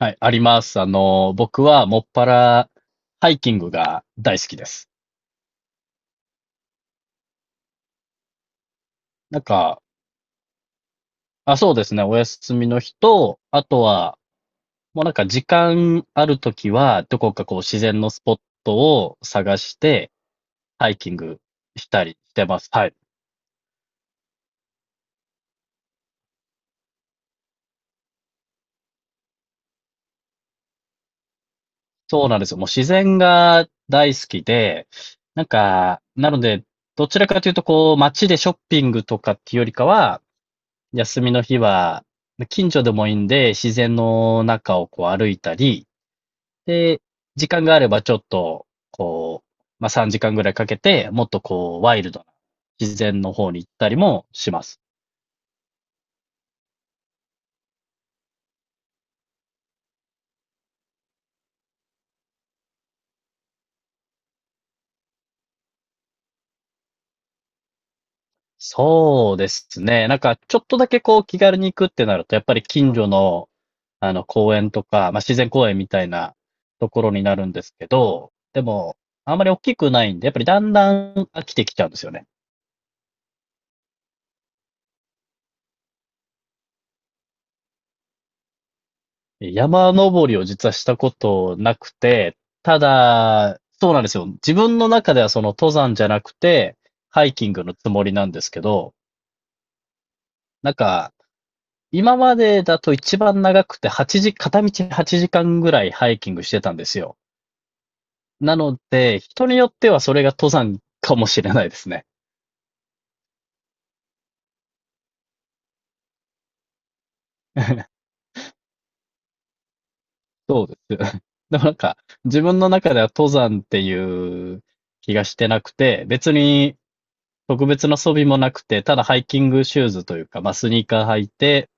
はい、あります。僕はもっぱらハイキングが大好きです。なんか、あ、そうですね、お休みの日と、あとは、もう時間あるときは、どこかこう自然のスポットを探して、ハイキングしたりしてます。はい。そうなんですよ。もう自然が大好きで、なので、どちらかというとこう街でショッピングとかっていうよりかは、休みの日は、近所でもいいんで、自然の中をこう歩いたり、で、時間があればちょっと、こう、まあ、3時間ぐらいかけて、もっとこう、ワイルドな自然の方に行ったりもします。そうですね。ちょっとだけこう、気軽に行くってなると、やっぱり近所の、公園とか、まあ、自然公園みたいなところになるんですけど、でも、あんまり大きくないんで、やっぱりだんだん飽きてきちゃうんですよね。山登りを実はしたことなくて、ただ、そうなんですよ。自分の中ではその登山じゃなくて、ハイキングのつもりなんですけど、なんか、今までだと一番長くて8時、片道8時間ぐらいハイキングしてたんですよ。なので、人によってはそれが登山かもしれないですね。そうです。でも自分の中では登山っていう気がしてなくて、別に特別な装備もなくて、ただハイキングシューズというか、まあ、スニーカー履いて、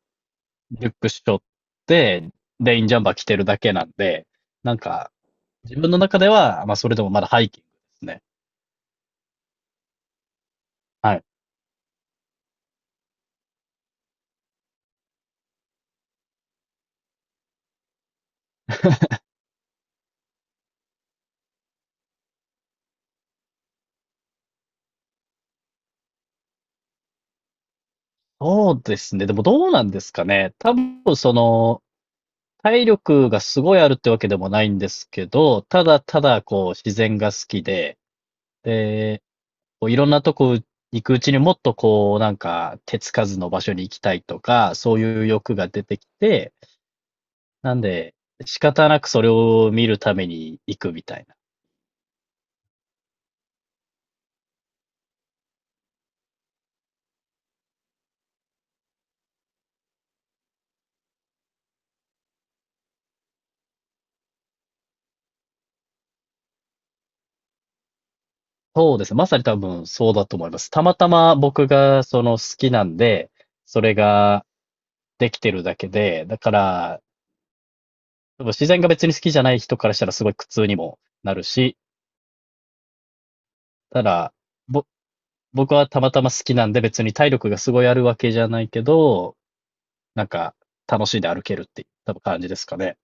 リュックしょって、レインジャンバー着てるだけなんで、なんか、自分の中では、まあ、それでもまだハイキングですね。はい。そうですね。でもどうなんですかね。多分、その、体力がすごいあるってわけでもないんですけど、ただただ、こう、自然が好きで、で、こういろんなとこ行くうちにもっとこう、手つかずの場所に行きたいとか、そういう欲が出てきて、なんで、仕方なくそれを見るために行くみたいな。そうですね。まさに多分そうだと思います。たまたま僕がその好きなんで、それができてるだけで、だから、多分自然が別に好きじゃない人からしたらすごい苦痛にもなるし、ただ、ぼ、僕はたまたま好きなんで別に体力がすごいあるわけじゃないけど、なんか楽しんで歩けるって多分感じですかね。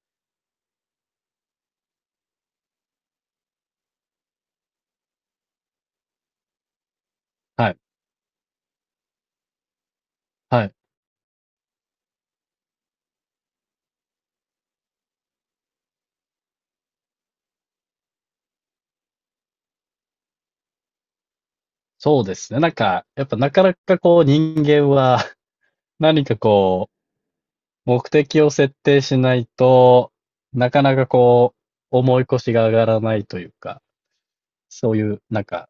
はい。はい。そうですね。やっぱなかなかこう人間は 何かこう、目的を設定しないと、なかなかこう、思い越しが上がらないというか、そういう、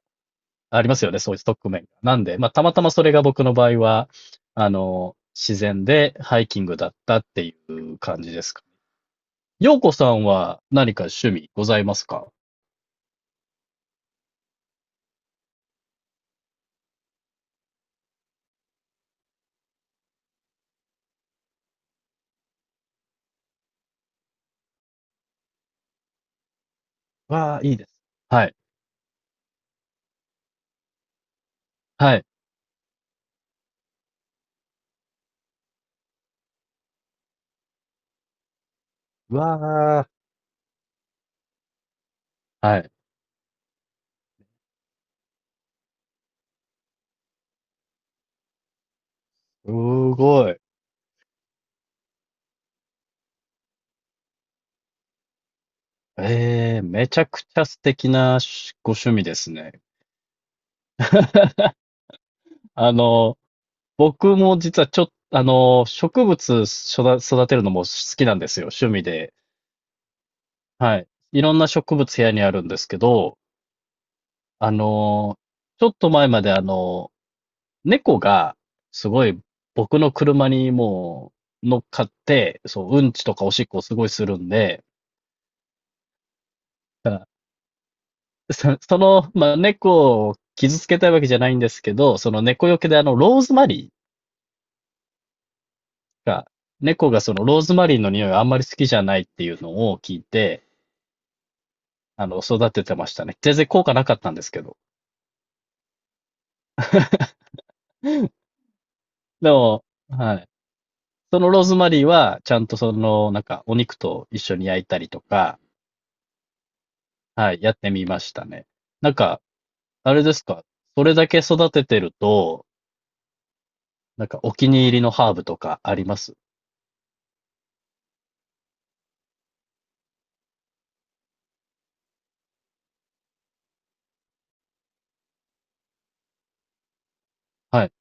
ありますよね、そういう側面が。なんで、まあ、たまたまそれが僕の場合は、自然でハイキングだったっていう感じですか。ようこさんは何か趣味ございますか？わあ、いいです。はい、はい、わあ、はい。すごい。ええ、めちゃくちゃ素敵なご趣味ですね。あの、僕も実はちょっと植物育てるのも好きなんですよ、趣味で。はい。いろんな植物部屋にあるんですけど、あの、ちょっと前まで猫が、すごい僕の車に乗っかって、そう、うんちとかおしっこをすごいするんで、あその、まあ、猫を傷つけたいわけじゃないんですけど、その猫よけでローズマリーが、猫がそのローズマリーの匂いをあんまり好きじゃないっていうのを聞いて、育ててましたね。全然効果なかったんですけど。でも、はい。そのローズマリーは、ちゃんとその、お肉と一緒に焼いたりとか、はい、やってみましたね。なんか、あれですか、それだけ育ててると、お気に入りのハーブとかあります？はい。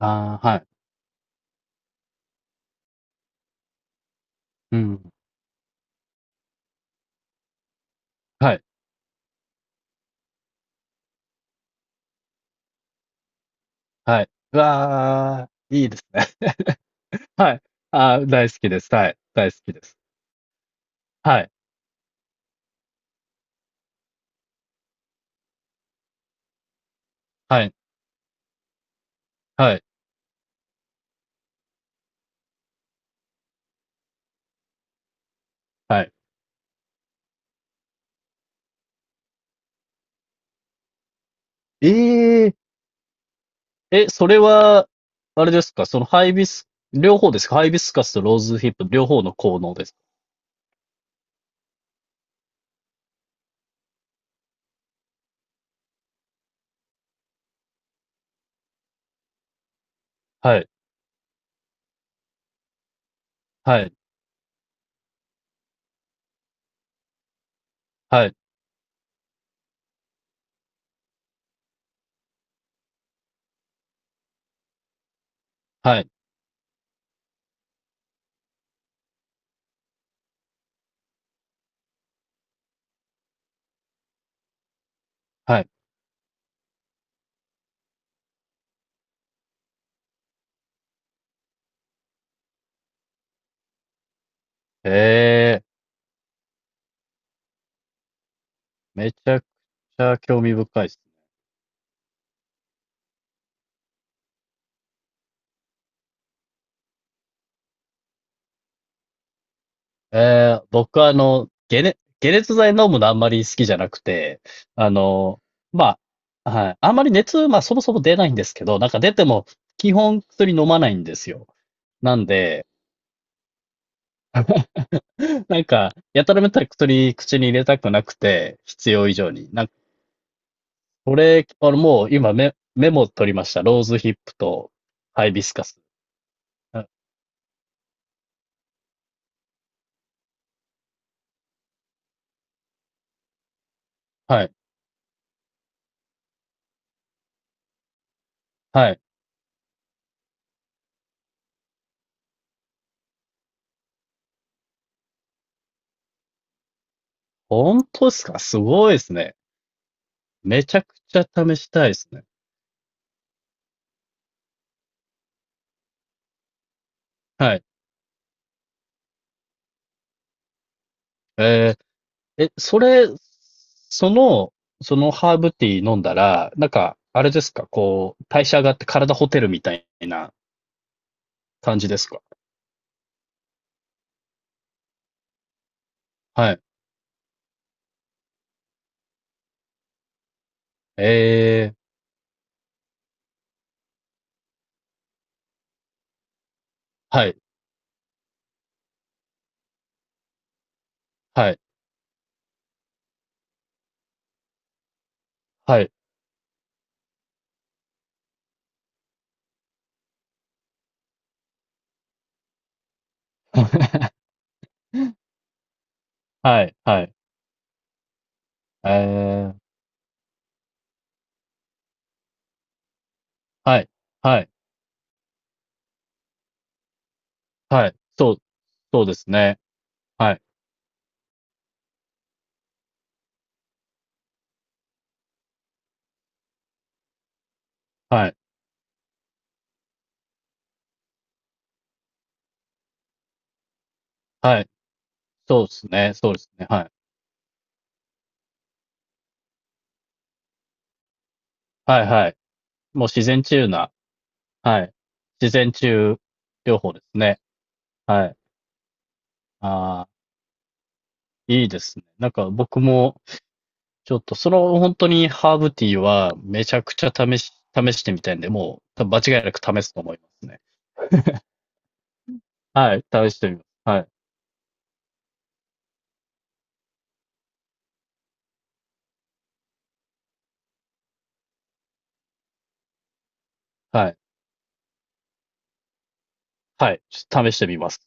ああ、はい。うん。はい。はい。うわあ、いいですね。はい。ああ、大好きです。はい。大好きです。はい。はい。はい。はい。ええ、え、それは、あれですか、そのハイビス、両方ですか？ハイビスカスとローズヒップ、両方の効能ですか？はい、はい、はい、はい、はい。ええ、めちゃくちゃ興味深いです。ええ、僕は解熱剤飲むのあんまり好きじゃなくて、あの、まあ、はい、あんまり熱、まあそもそも出ないんですけど、なんか出ても基本薬飲まないんですよ。なんで、やたらめったら薬口に入れたくなくて、必要以上に。なん、これ、もう今メモ取りました。ローズヒップとハイビスカス。あ、はい。はい。本当ですか？すごいですね。めちゃくちゃ試したいですね。はい。えー、え、それ、その、そのハーブティー飲んだら、あれですかこう、代謝上がって体ホテルみたいな感じですか？はい。えー、はい、はい、はい。はい、はい。えー、はい、はい、はい。そう、そうですね。はい、はい、はい。そうですね、そうですね、はい。はい、はい。もう自然治癒な、はい。自然治癒療法ですね。はい。ああ、いいですね。なんか僕も、ちょっとその本当にハーブティーはめちゃくちゃ試してみたいんで、もう多分間違いなく試すと思いますね。はい、試してみます。はい、はい、はい、試してみます。